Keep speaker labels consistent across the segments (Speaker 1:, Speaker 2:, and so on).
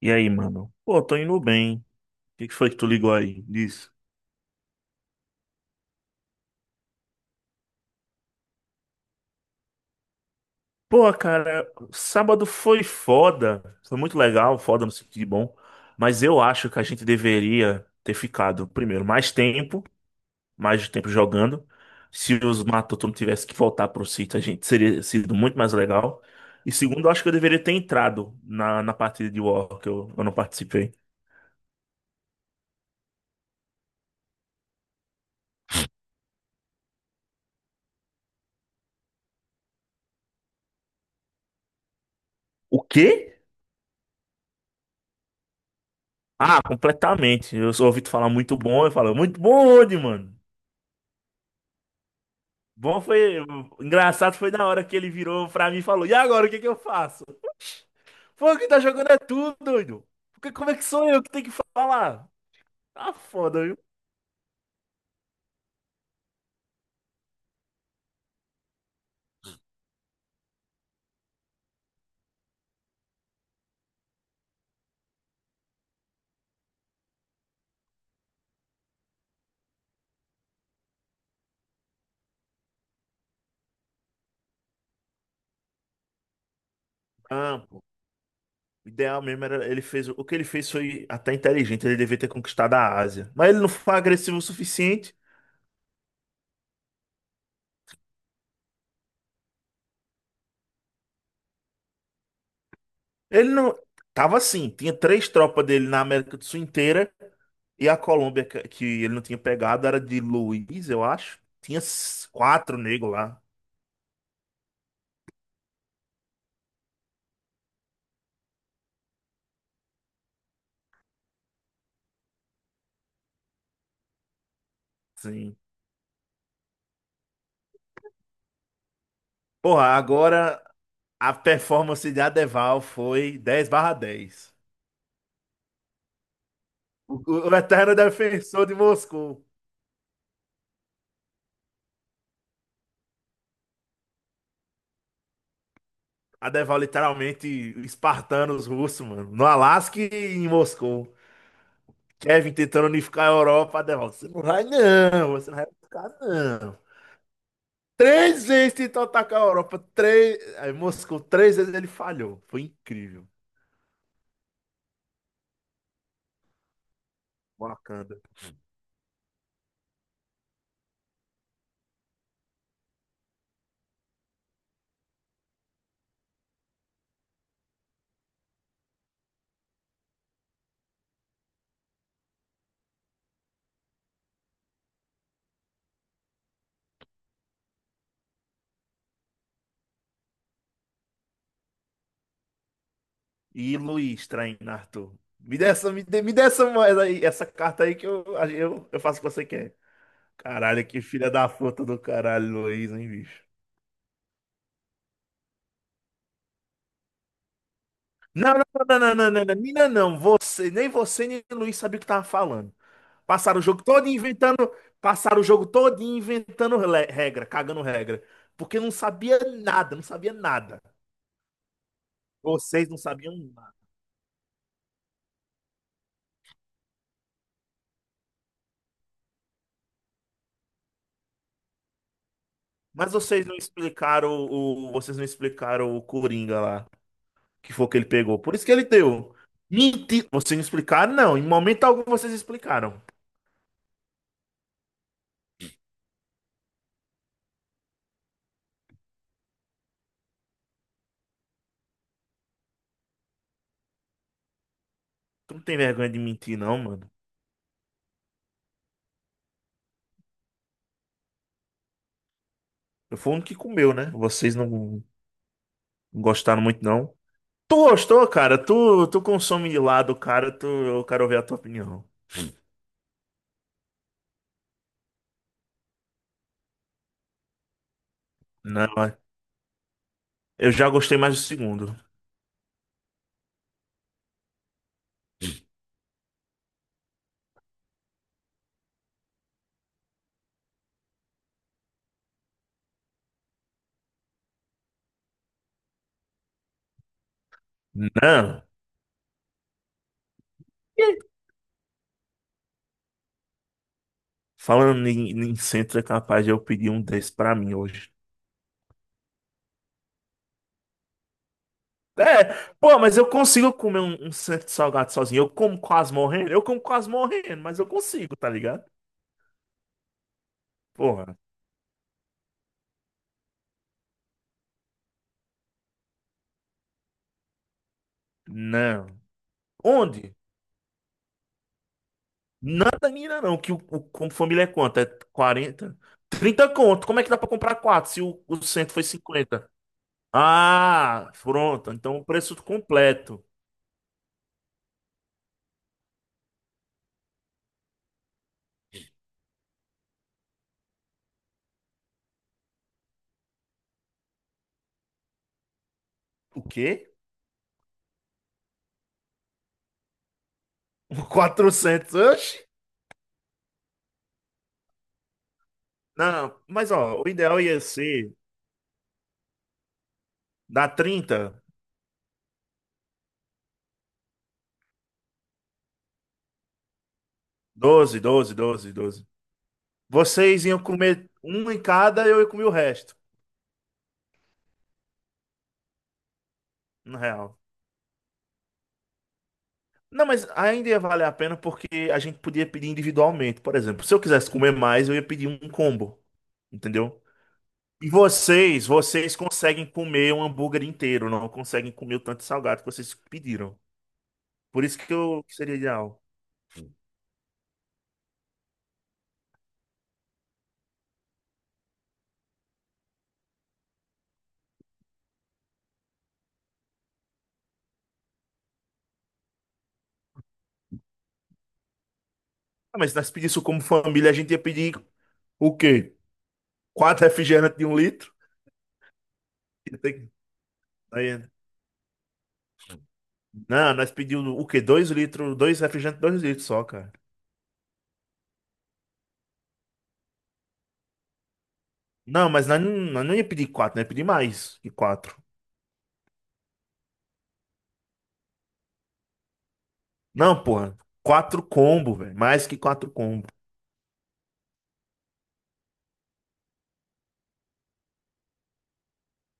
Speaker 1: E aí, mano? Pô, tô indo bem. O que que foi que tu ligou aí? Diz. Pô, cara, sábado foi foda. Foi muito legal, foda no sentido de bom. Mas eu acho que a gente deveria ter ficado, primeiro, mais tempo jogando. Se os Matoto não tivesse que voltar pro sítio, a gente seria sido muito mais legal. E segundo, eu acho que eu deveria ter entrado na partida de War, que eu não participei. O quê? Ah, completamente. Eu só ouvi tu falar muito bom, eu falo, muito bom onde, mano? Bom foi. Engraçado foi na hora que ele virou pra mim e falou: e agora, o que que eu faço? Foi o que tá jogando é tudo, doido. Porque como é que sou eu que tenho que falar? Tá foda, viu? Ah, pô. O ideal mesmo era. Ele fez. O que ele fez foi até inteligente. Ele devia ter conquistado a Ásia. Mas ele não foi agressivo o suficiente. Ele não. Tava assim. Tinha três tropas dele na América do Sul inteira. E a Colômbia, que ele não tinha pegado, era de Luiz, eu acho. Tinha quatro negros lá. Sim. Porra, agora, a performance de Adeval foi 10 barra 10. O, o eterno defensor de Moscou. Adeval literalmente espartano os russos, mano. No Alasca e em Moscou. Kevin tentando unificar a Europa. Adeval, você não vai não, você não vai ficar não. Três vezes tentou atacar a Europa. Três, aí Moscou, três vezes ele falhou. Foi incrível. Wakanda. E Luiz traindo Arthur. Me dê essa moeda aí, essa carta aí que eu faço o que você quer. Caralho, que filha da puta do caralho, Luiz, hein, bicho? Não, não, não, não, não, não, não, mina não, você, nem Luiz sabia o que tava falando. Passaram o jogo todo inventando, passaram o jogo todo inventando regra, cagando regra, porque não sabia nada, não sabia nada. Vocês não sabiam nada. Mas vocês não explicaram o, vocês não explicaram o Coringa lá, que foi o que ele pegou. Por isso que ele deu. Mentir, vocês não explicaram, não. Em momento algum vocês explicaram. Tu não tem vergonha de mentir, não, mano. Foi um que comeu, né? Vocês não gostaram muito, não. Tu gostou, cara? Tu, tu consome de lado, cara. Tu, eu quero ouvir a tua opinião. Não, é, eu já gostei mais do segundo. Não. Ih, falando em, em centro, é capaz de eu pedir um desse pra mim hoje. É, pô, mas eu consigo comer um, um centro salgado sozinho. Eu como quase morrendo. Eu como quase morrendo, mas eu consigo, tá ligado? Porra, não. Onde? Nada mira não, que o como família é quanto? É quarenta, 30 conto. Como é que dá pra comprar quatro se o, o centro foi cinquenta? Ah, pronto. Então o preço completo. O quê? quatrocentos, oxe? Não, mas ó, o ideal ia ser dar trinta, doze doze doze doze. Vocês iam comer um em cada, eu ia comer o resto, no real. Não, mas ainda ia valer a pena porque a gente podia pedir individualmente, por exemplo. Se eu quisesse comer mais, eu ia pedir um combo, entendeu? E vocês, vocês conseguem comer um hambúrguer inteiro, não conseguem comer o tanto de salgado que vocês pediram. Por isso que eu que seria ideal. Ah, mas se nós pedíssemos como família, a gente ia pedir o quê? Quatro refrigerantes de um litro? Ia ter que- aí- não, nós pedimos o quê? Dois litros, dois refrigerantes, dois litros só, cara. Não, mas nós não ia pedir quatro, nós ia pedir mais que quatro. Não, porra. Quatro combo, velho. Mais que quatro combo.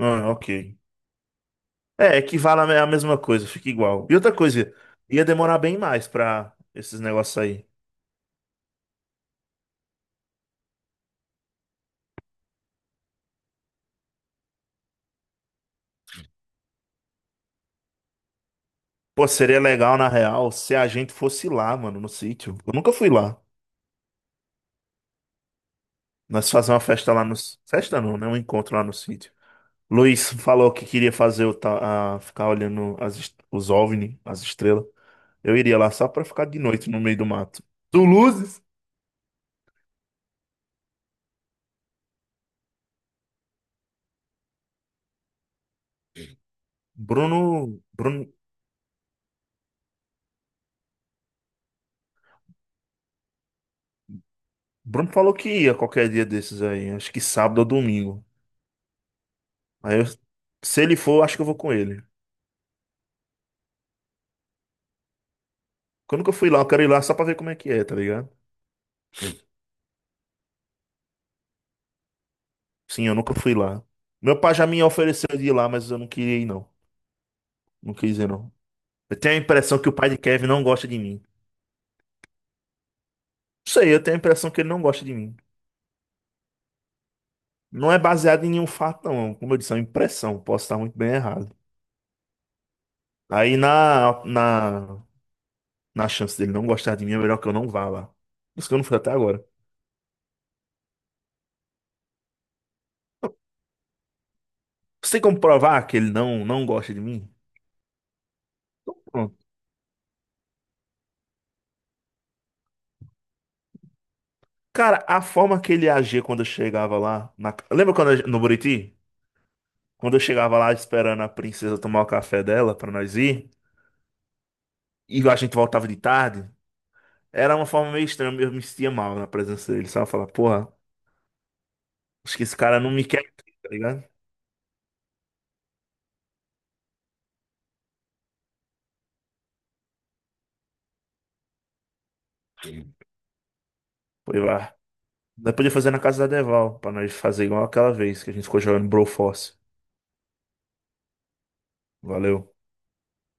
Speaker 1: Ah, ok. É, equivale a a mesma coisa, fica igual. E outra coisa, ia demorar bem mais pra esses negócios aí. Pô, seria legal, na real, se a gente fosse lá, mano, no sítio. Eu nunca fui lá. Nós fazer uma festa lá no... Festa não, né? Um encontro lá no sítio. Luiz falou que queria fazer o ficar olhando as os OVNI, as estrelas. Eu iria lá só pra ficar de noite no meio do mato. Tu luzes? Bruno... Bruno... Bruno falou que ia qualquer dia desses aí. Acho que sábado ou domingo. Aí eu... Se ele for, acho que eu vou com ele. Eu nunca fui lá, eu quero ir lá só pra ver como é que é, tá ligado? Sim, eu nunca fui lá. Meu pai já me ofereceu de ir lá, mas eu não queria ir, não. Não quis ir, não. Eu tenho a impressão que o pai de Kevin não gosta de mim. Não sei, eu tenho a impressão que ele não gosta de mim. Não é baseado em nenhum fato, não. Como eu disse, é uma impressão. Posso estar muito bem errado. Aí na chance dele não gostar de mim, é melhor que eu não vá lá. Por isso que eu não fui até agora. Você tem como provar que ele não, não gosta de mim? Pronto. Cara, a forma que ele agia quando eu chegava lá. Lembra quando eu- no Buriti? Quando eu chegava lá esperando a princesa tomar o café dela pra nós ir, e a gente voltava de tarde, era uma forma meio estranha, eu me sentia mal na presença dele, sabe? Eu falava, porra, acho que esse cara não me quer aqui, tá ligado? Foi lá. Nós podia fazer na casa da Deval, pra nós fazer igual aquela vez que a gente ficou jogando Brawl Force. Valeu.